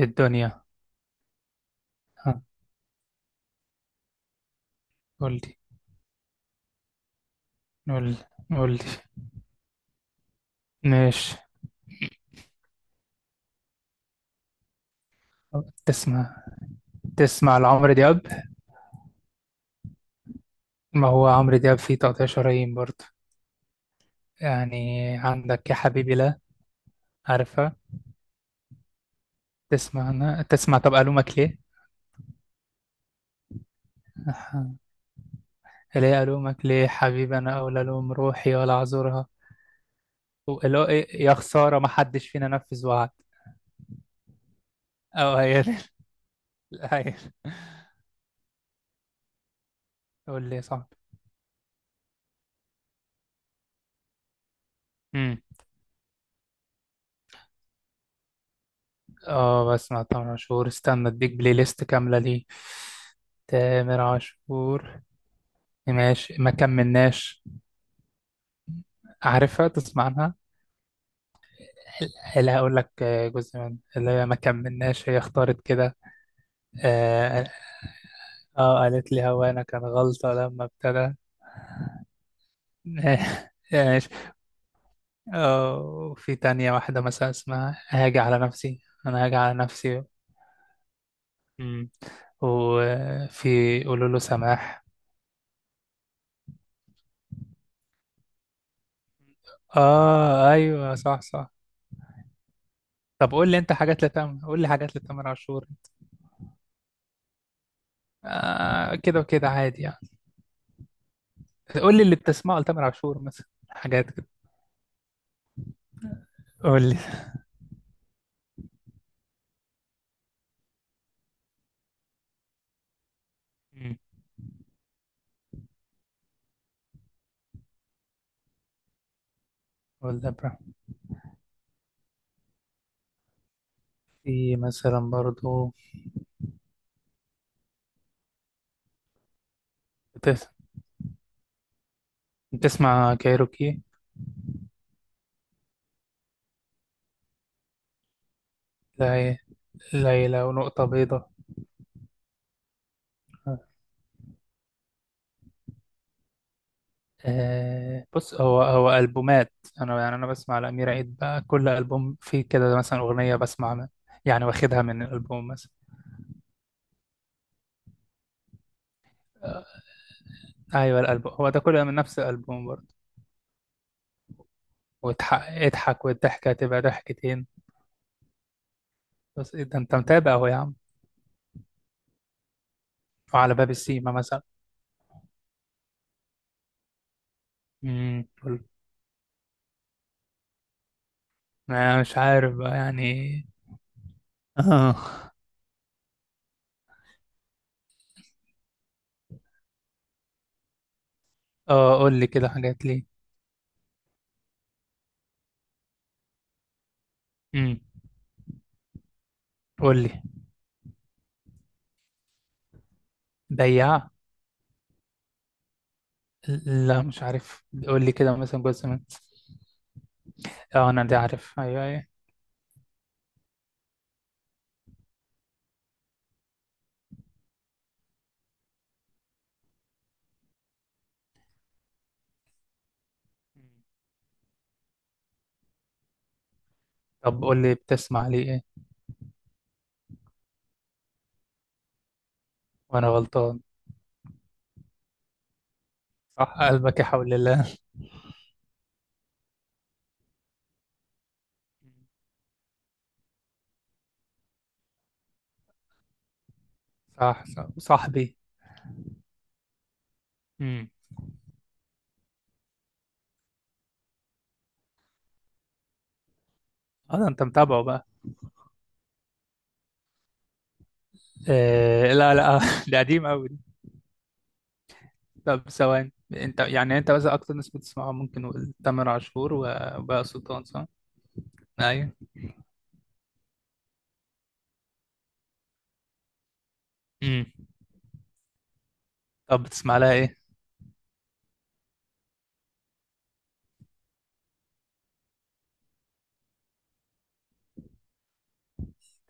الدنيا. ها؟ قولي. قولي. قولي. ماشي. تسمع. تسمع لعمرو دياب. ما هو عمرو دياب فيه تقطيع شرايين برضه. يعني. عندك يا حبيبي، لا. عارفة؟ تسمع أنا، تسمع، طب ألومك ليه؟ أها. ليه ألومك ليه حبيبي؟ أنا أولى ألوم روحي ولا أعذرها. إيه، يا خسارة ما حدش فينا نفذ وعد. أو هي. هي. قول لي صعب. اه، بسمع تامر عاشور. استنى اديك بلاي ليست كاملة ليه. تامر عاشور. ماشي، ما كملناش. عارفها؟ تسمع عنها؟ لا، هقول لك، جزء من اللي هي ما كملناش. هي اختارت كده. اه، آه. قالت لي هوانا كان غلطة لما ابتدى. ماشي. اه، وفي تانية واحدة مثلا اسمها هاجي على نفسي، انا هاجي على نفسي. مم. وفي قولوا له سماح. اه، ايوه، صح صح. طب قول لي انت حاجات لتامر، قول لي حاجات لتامر عاشور. آه، كده وكده عادي يعني. قول لي اللي بتسمعه لتامر عاشور مثلا، حاجات كده. قول لي. مم. قول لي بقى. في مثلا برضو. بتس... بتسمع كايروكي؟ لي- ليلى ونقطة بيضاء. آه، بص، هو ألبومات. أنا، يعني، أنا بسمع لأمير عيد بقى، كل ألبوم فيه كده مثلا أغنية بسمع يعني واخدها من الألبوم مثلا. آه، أيوه، الألبوم هو ده كله من نفس الألبوم برضه. اضحك والضحكة تبقى ضحكتين. بس إيه ده؟ انت متابع اهو يا عم. وعلى باب السيما مثلا. قول. أنا مش عارف بقى يعني. اه، اه، قول لي كده حاجات ليه. امم. قول لي. بياع. لا، مش عارف، قول لي كده مثلا جزء من. اه، انا دي عارف، ايوه ايوه. طب قول لي، بتسمع لي ايه؟ وانا غلطان. صح قلبك يا حول الله. صح صح، صاحبي. امم. اه، ده انت متابعه بقى. إيه، لا لا، ده قديم قوي. طب ثواني، انت، يعني، انت مثلا اكتر ناس بتسمعها، ممكن نقول تامر عاشور وبهاء سلطان، صح؟ ايوه. امم. طب بتسمع لها ايه؟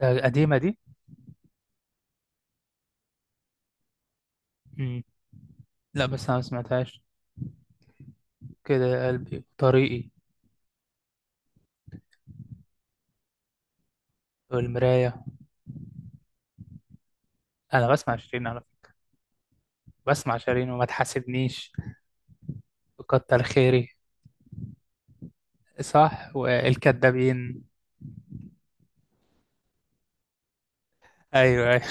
ده قديمة دي؟ امم. لا، بس انا ما سمعتهاش. كده يا قلبي، طريقي. والمراية. انا بسمع شيرين على فكرة. بسمع شيرين، وما تحاسبنيش. وكتر خيري. صح، والكدابين. ايوه ايوه.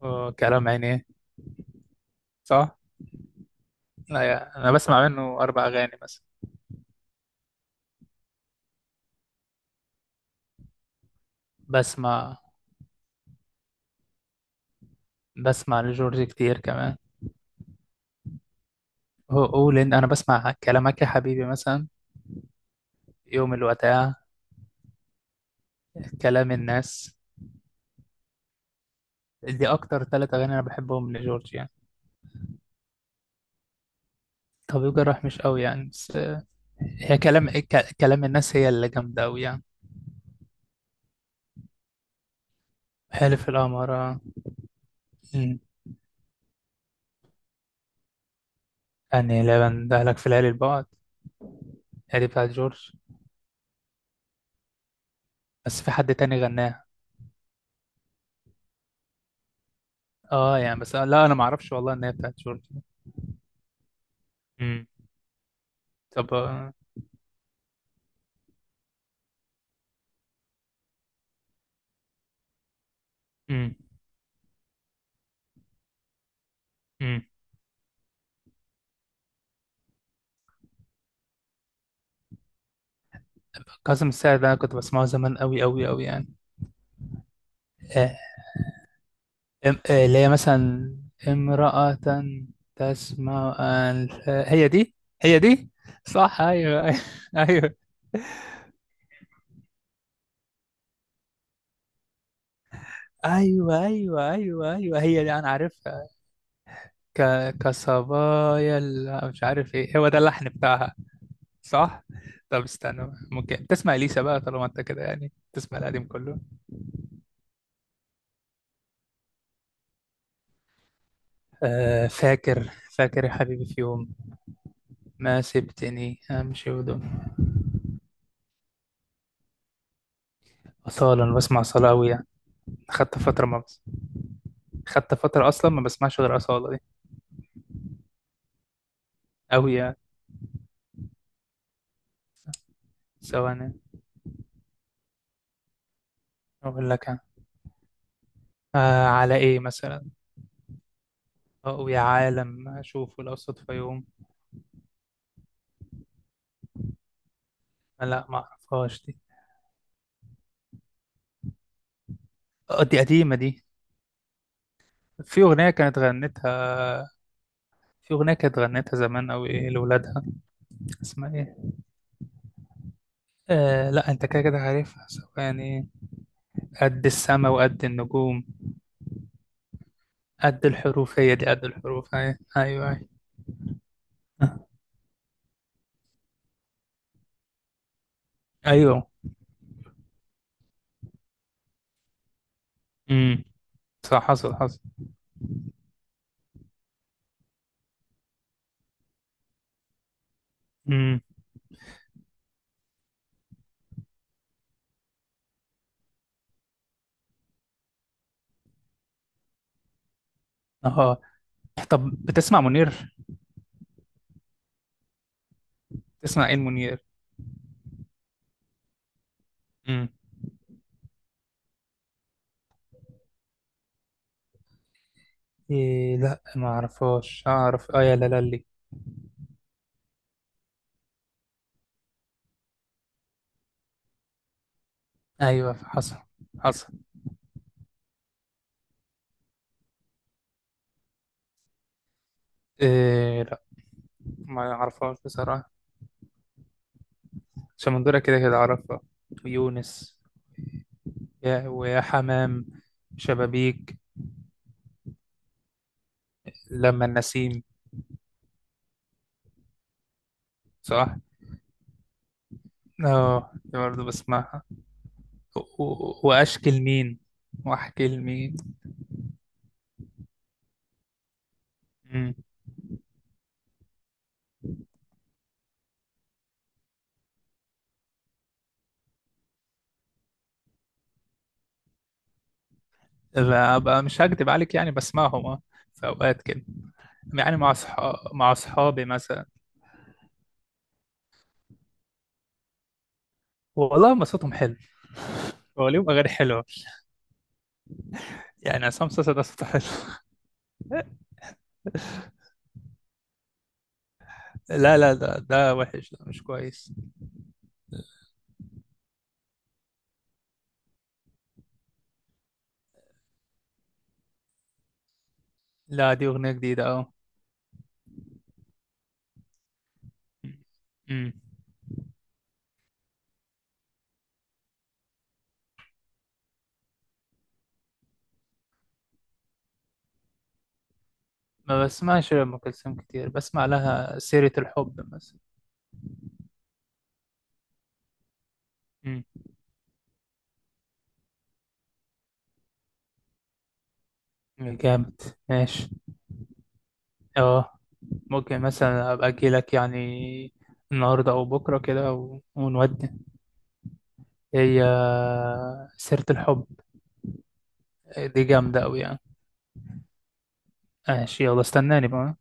وكلام عينيه. صح؟ لا يا. انا بسمع منه اربع اغاني مثلا. بسمع بسمع لجورج كتير كمان. قول إن أنا بسمع كلامك يا حبيبي مثلا. يوم الوداع. كلام الناس. دي أكتر ثلاث أغاني أنا بحبهم لجورج يعني. طبيب جراح مش قوي يعني، بس. هي كلام كلام الناس هي اللي جامدة أوي يعني. حلف القمر. مم. أني لا بندهلك في ليالي البعد. هي دي بتاعت جورج. بس في حد تاني غناها. اه، يعني بس، لا أنا معرفش والله إن هي بتاعت جورج. مم. طب. مم. مم. كاظم الساعد ده أنا كنت بسمعه زمان أوي أوي أوي يعني. آه. اللي هي مثلا. امرأة. تسمع؟ هي دي. هي دي صح، ايوه ايوه ايوه ايوه ايوه ايوه ايوه، هي دي انا عارفها. ك... كصبايا مش عارف ايه هو ده اللحن بتاعها. صح. طب استنى، ممكن تسمع اليسا بقى طالما انت كده يعني تسمع القديم كله. آه، فاكر. فاكر يا حبيبي، في يوم. ما سبتني امشي ودون. اصاله، انا بسمع اصاله قوي يعني. خدت فتره ما بس... خدت فتره اصلا ما بسمعش غير اصاله. أوي يعني. ثواني. أقول لك أنا. على إيه مثلا؟ أو يا عالم أشوفه لو صدفة يوم. لا، ما أعرفهاش دي. آه، دي قديمة دي. في أغنية كانت غنتها. في أغنية كانت غنتها زمان أوي، إيه لولادها. اسمها إيه؟ آه، لا أنت كده كده عارفها. ثواني. قد السما وقد النجوم. قد الحروف، هي دي قد الحروف، أيوه أيوه. أيوه. امم. صح، حصل حصل. امم. أه، طب بتسمع منير؟ تسمع إيه منير؟ إيه، لا، ما اعرفهاش. اعرف اه يا لالي. ايوه حصل. حصل. إيه، لا، ما اعرفهاش بصراحه. شمندوره كده كده اعرفها. ويونس. يا ويا حمام. شبابيك. لما النسيم. صح. اه، دي برضه بسمعها. واشكي لمين. واحكي لمين. امم. بقى مش هكدب عليك، يعني بسمعهم اه. في اوقات كده. يعني مع اصحابي مثلا. والله ما صوتهم حلو. هو ليهم اغاني حلوه. يعني عصام صاصا ده صوته حلو. لا لا، ده وحش، ده مش كويس. لا، دي أغنية جديدة أهو. أمم. ما بسمعش أم كلثوم كتير، بسمع لها سيرة الحب مثلا. أمم. جامد. ماشي. اه. ممكن مثلا أبقى أجيلك يعني النهاردة أو بكرة كده ونودي. هي. سيرة الحب. دي جامدة أوي يعني. ماشي يلا، استناني بقى.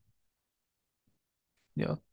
يلا.